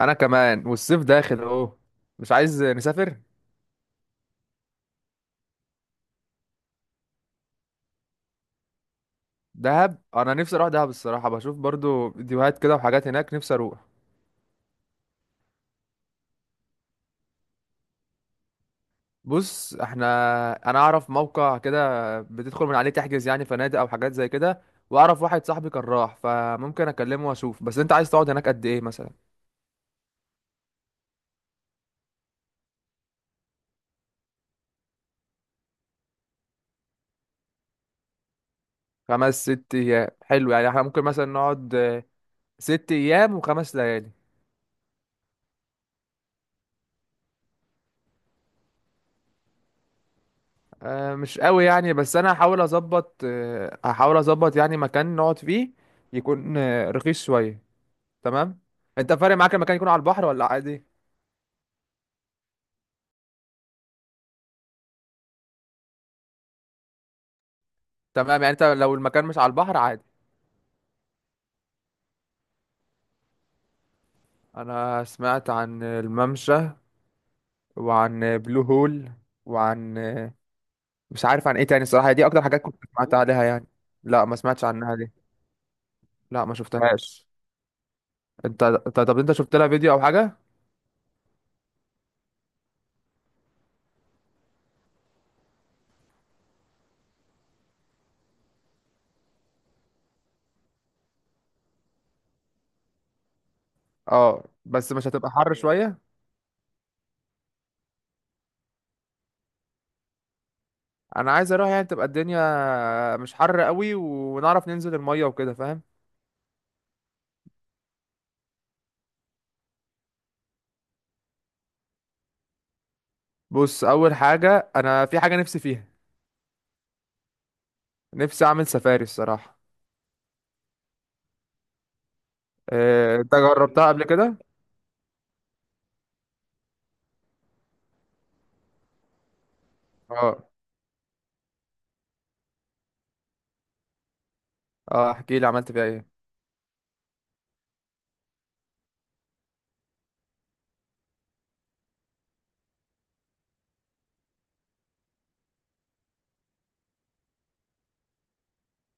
انا كمان والصيف داخل اهو. مش عايز نسافر. دهب، انا نفسي اروح دهب الصراحه، بشوف برضو فيديوهات كده وحاجات هناك، نفسي اروح. بص انا اعرف موقع كده بتدخل من عليه تحجز يعني فنادق او حاجات زي كده، واعرف واحد صاحبي كان راح فممكن اكلمه واشوف، بس انت عايز تقعد هناك قد ايه مثلا؟ 5 6 ايام؟ حلو، يعني احنا ممكن مثلا نقعد 6 ايام وخمس ليالي. مش قوي يعني، بس انا هحاول اظبط، هحاول اظبط يعني مكان نقعد فيه يكون رخيص شويه. تمام. انت فارق معاك المكان يكون على البحر ولا عادي؟ تمام يعني، انت لو المكان مش على البحر عادي. انا سمعت عن الممشى وعن بلو هول وعن مش عارف عن ايه تاني الصراحه، دي اكتر حاجات كنت سمعت عليها يعني. لا، ما سمعتش عنها دي. لا، ما شفتهاش. انت طب انت شفت لها فيديو او حاجه؟ اه بس مش هتبقى حر شويه؟ انا عايز اروح يعني تبقى الدنيا مش حر قوي ونعرف ننزل المية وكده، فاهم؟ بص، اول حاجة انا في حاجة نفسي فيها. نفسي اعمل سفاري الصراحة. إيه، انت جربتها قبل كده؟ اه، اه، احكي لي عملت فيها ايه.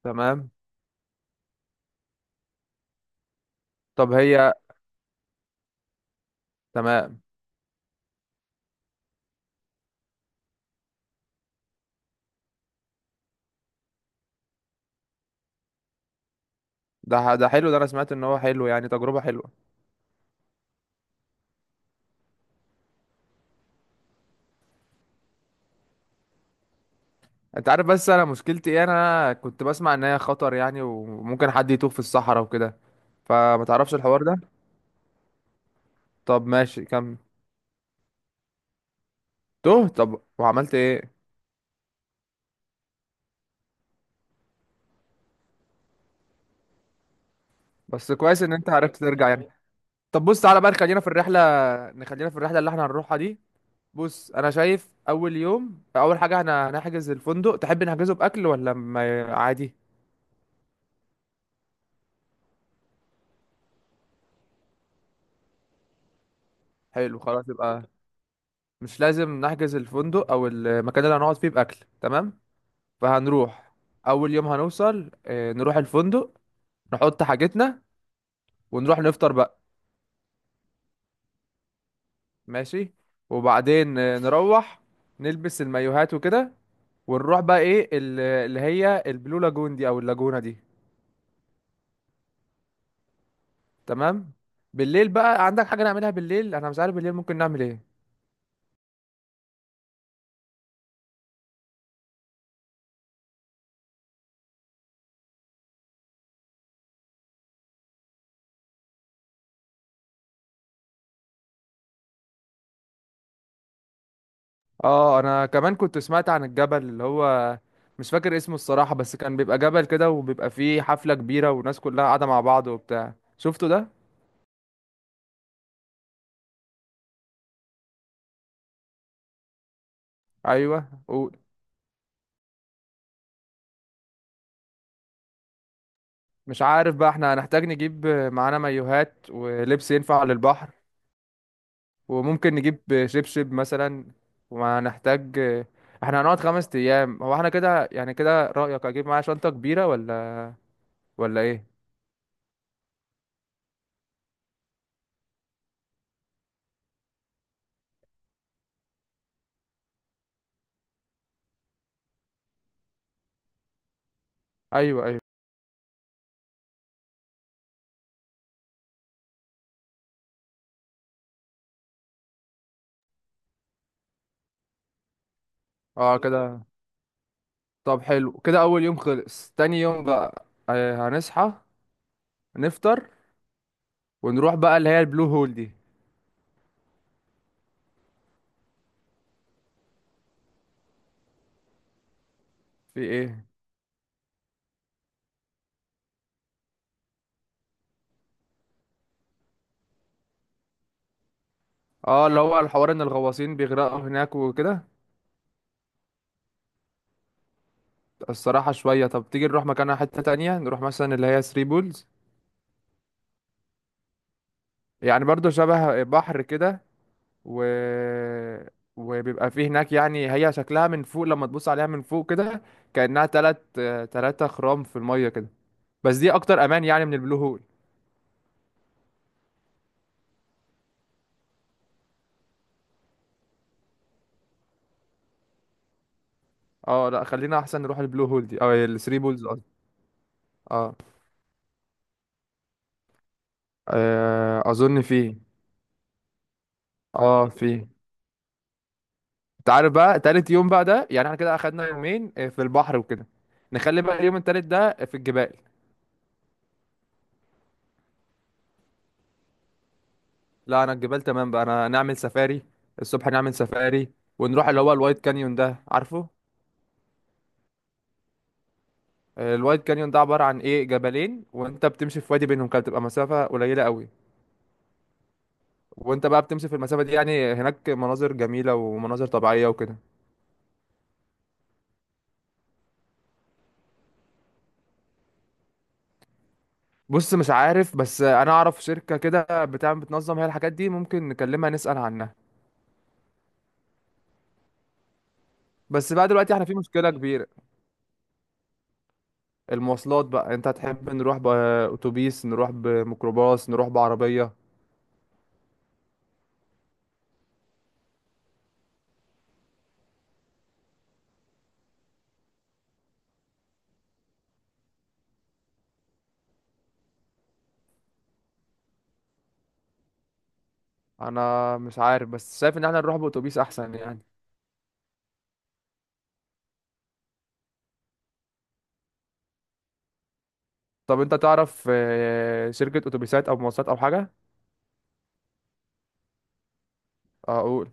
تمام. طب هي. تمام. ده حلو، ده انا سمعت ان هو حلو، يعني تجربة حلوة. انت عارف بس انا مشكلتي ايه؟ انا كنت بسمع ان هي خطر يعني، وممكن حد يتوه في الصحراء وكده، فما تعرفش الحوار ده؟ طب ماشي كمل. توه؟ طب وعملت ايه؟ بس كويس ان انت عرفت ترجع يعني. طب بص، تعالى بقى خلينا في الرحلة. نخلينا في الرحلة اللي احنا هنروحها دي. بص انا شايف اول يوم اول حاجة احنا هنحجز الفندق، تحب نحجزه باكل ولا ما؟ عادي. حلو خلاص، يبقى مش لازم نحجز الفندق او المكان اللي هنقعد فيه باكل. تمام. فهنروح اول يوم، هنوصل نروح الفندق، نحط حاجتنا، ونروح نفطر بقى. ماشي. وبعدين نروح نلبس المايوهات وكده، ونروح بقى ايه اللي هي البلو لاجون دي او اللاجونة دي. تمام. بالليل بقى عندك حاجة نعملها بالليل؟ انا مش عارف بالليل ممكن نعمل ايه. اه انا كمان كنت سمعت عن الجبل اللي هو، مش فاكر اسمه الصراحة، بس كان بيبقى جبل كده وبيبقى فيه حفلة كبيرة والناس كلها قاعدة مع بعض وبتاع، شفته ده؟ ايوه. ومش. عارف بقى احنا هنحتاج نجيب معانا مايوهات ولبس ينفع للبحر، وممكن نجيب شبشب مثلا. وهنحتاج، احنا هنقعد 5 ايام، هو احنا كده يعني، كده رأيك اجيب معايا شنطة كبيرة ولا ايه؟ ايوه، ايوه. اه كده. طب حلو كده، اول يوم خلص. تاني يوم بقى هنصحى، نفطر، ونروح بقى اللي هي البلو هول دي. في ايه؟ اه اللي هو الحوار ان الغواصين بيغرقوا هناك وكده. الصراحة شوية. طب تيجي نروح مكانها حتة تانية، نروح مثلا اللي هي ثري بولز. يعني برضو شبه بحر كده. و... وبيبقى فيه هناك يعني، هي شكلها من فوق لما تبص عليها من فوق كده كأنها تلات 3 خرام في المية كده. بس دي اكتر امان يعني من البلو هول. اه لا، خلينا احسن نروح البلو هول دي او الثري بولز. اه، اظن فيه. اه فيه. انت عارف بقى تالت يوم بقى ده، يعني احنا كده اخدنا يومين في البحر وكده، نخلي بقى اليوم التالت ده في الجبال. لا انا الجبال تمام بقى. انا نعمل سفاري، الصبح نعمل سفاري، ونروح اللي هو الوايت كانيون ده، عارفه؟ الوايت كانيون ده عبارة عن ايه؟ جبلين وانت بتمشي في وادي بينهم كده، بتبقى مسافة قليلة قوي، وانت بقى بتمشي في المسافة دي، يعني هناك مناظر جميلة ومناظر طبيعية وكده. بص مش عارف، بس انا اعرف شركة كده بتعمل بتنظم هي الحاجات دي، ممكن نكلمها نسأل عنها. بس بقى دلوقتي احنا في مشكلة كبيرة. المواصلات بقى، انت هتحب نروح بأتوبيس، نروح بميكروباص، نروح بعربية؟ انا مش عارف، بس شايف ان احنا نروح بأتوبيس احسن يعني. طب انت تعرف شركة اتوبيسات او مواصلات او حاجة؟ اقول.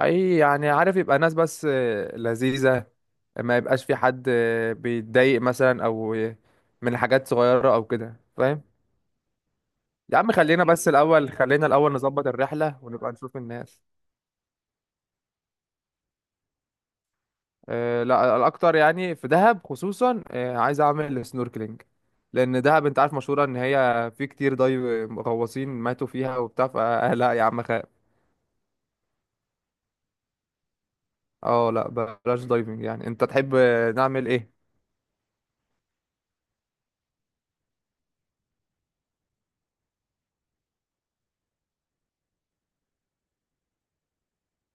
اي يعني، عارف يبقى ناس بس لذيذة. ما يبقاش في حد بيتضايق مثلا او من حاجات صغيرة او كده، فاهم؟ يا عم خلينا بس الأول، خلينا الأول نظبط الرحلة ونبقى نشوف الناس. أه لا، الأكتر يعني في دهب خصوصا، أه عايز أعمل سنوركلينج، لأن دهب أنت عارف مشهورة إن هي في كتير دايف غواصين ماتوا فيها وبتاع، فأه لا يا عم خير. اه لا بلاش دايفنج يعني. أنت تحب نعمل إيه؟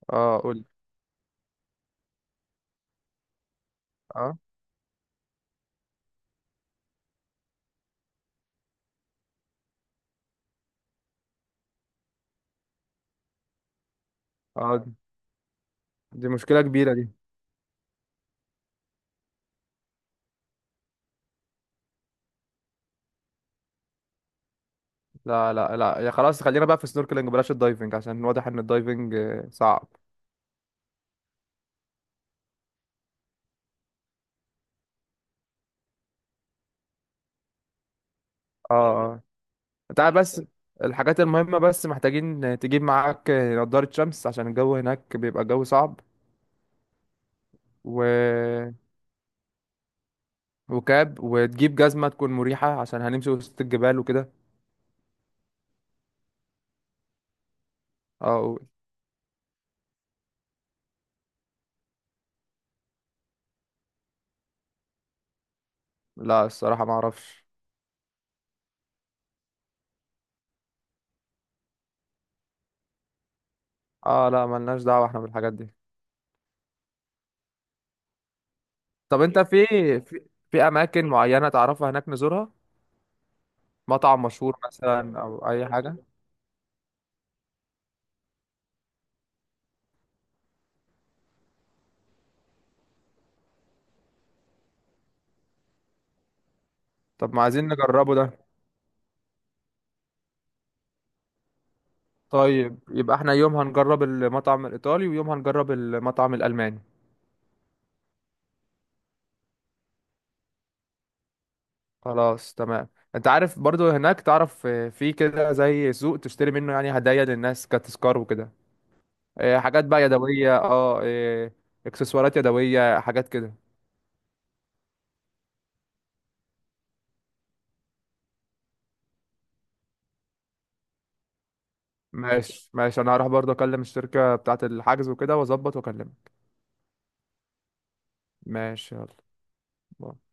اه قول. اه، اه، دي مشكلة كبيرة دي. لا، لا، لا، يا خلاص خلينا بقى في السنوركلينج، بلاش الدايفنج عشان واضح إن الدايفنج صعب. اه. آه. تعال بس، الحاجات المهمة، بس محتاجين تجيب معاك نضارة شمس عشان الجو هناك بيبقى الجو صعب. و... وكاب، وتجيب جزمة تكون مريحة عشان هنمشي وسط الجبال وكده. اه لا، الصراحة ما اعرفش. اه لا، ملناش دعوة احنا بالحاجات دي. طب انت في. في, في اماكن معينة تعرفها هناك نزورها؟ مطعم مشهور مثلا او اي حاجة؟ طب ما عايزين نجربه ده. طيب يبقى احنا يوم هنجرب المطعم الايطالي، ويوم هنجرب المطعم الالماني. خلاص تمام. انت عارف برضو هناك تعرف في كده زي سوق تشتري منه يعني هدايا للناس كتذكار وكده. حاجات بقى يدوية، اه، اكسسوارات يدوية، حاجات كده. ماشي، ماشي، انا هروح برضو اكلم الشركة بتاعة الحجز وكده واظبط واكلمك. ماشي. يلا باي.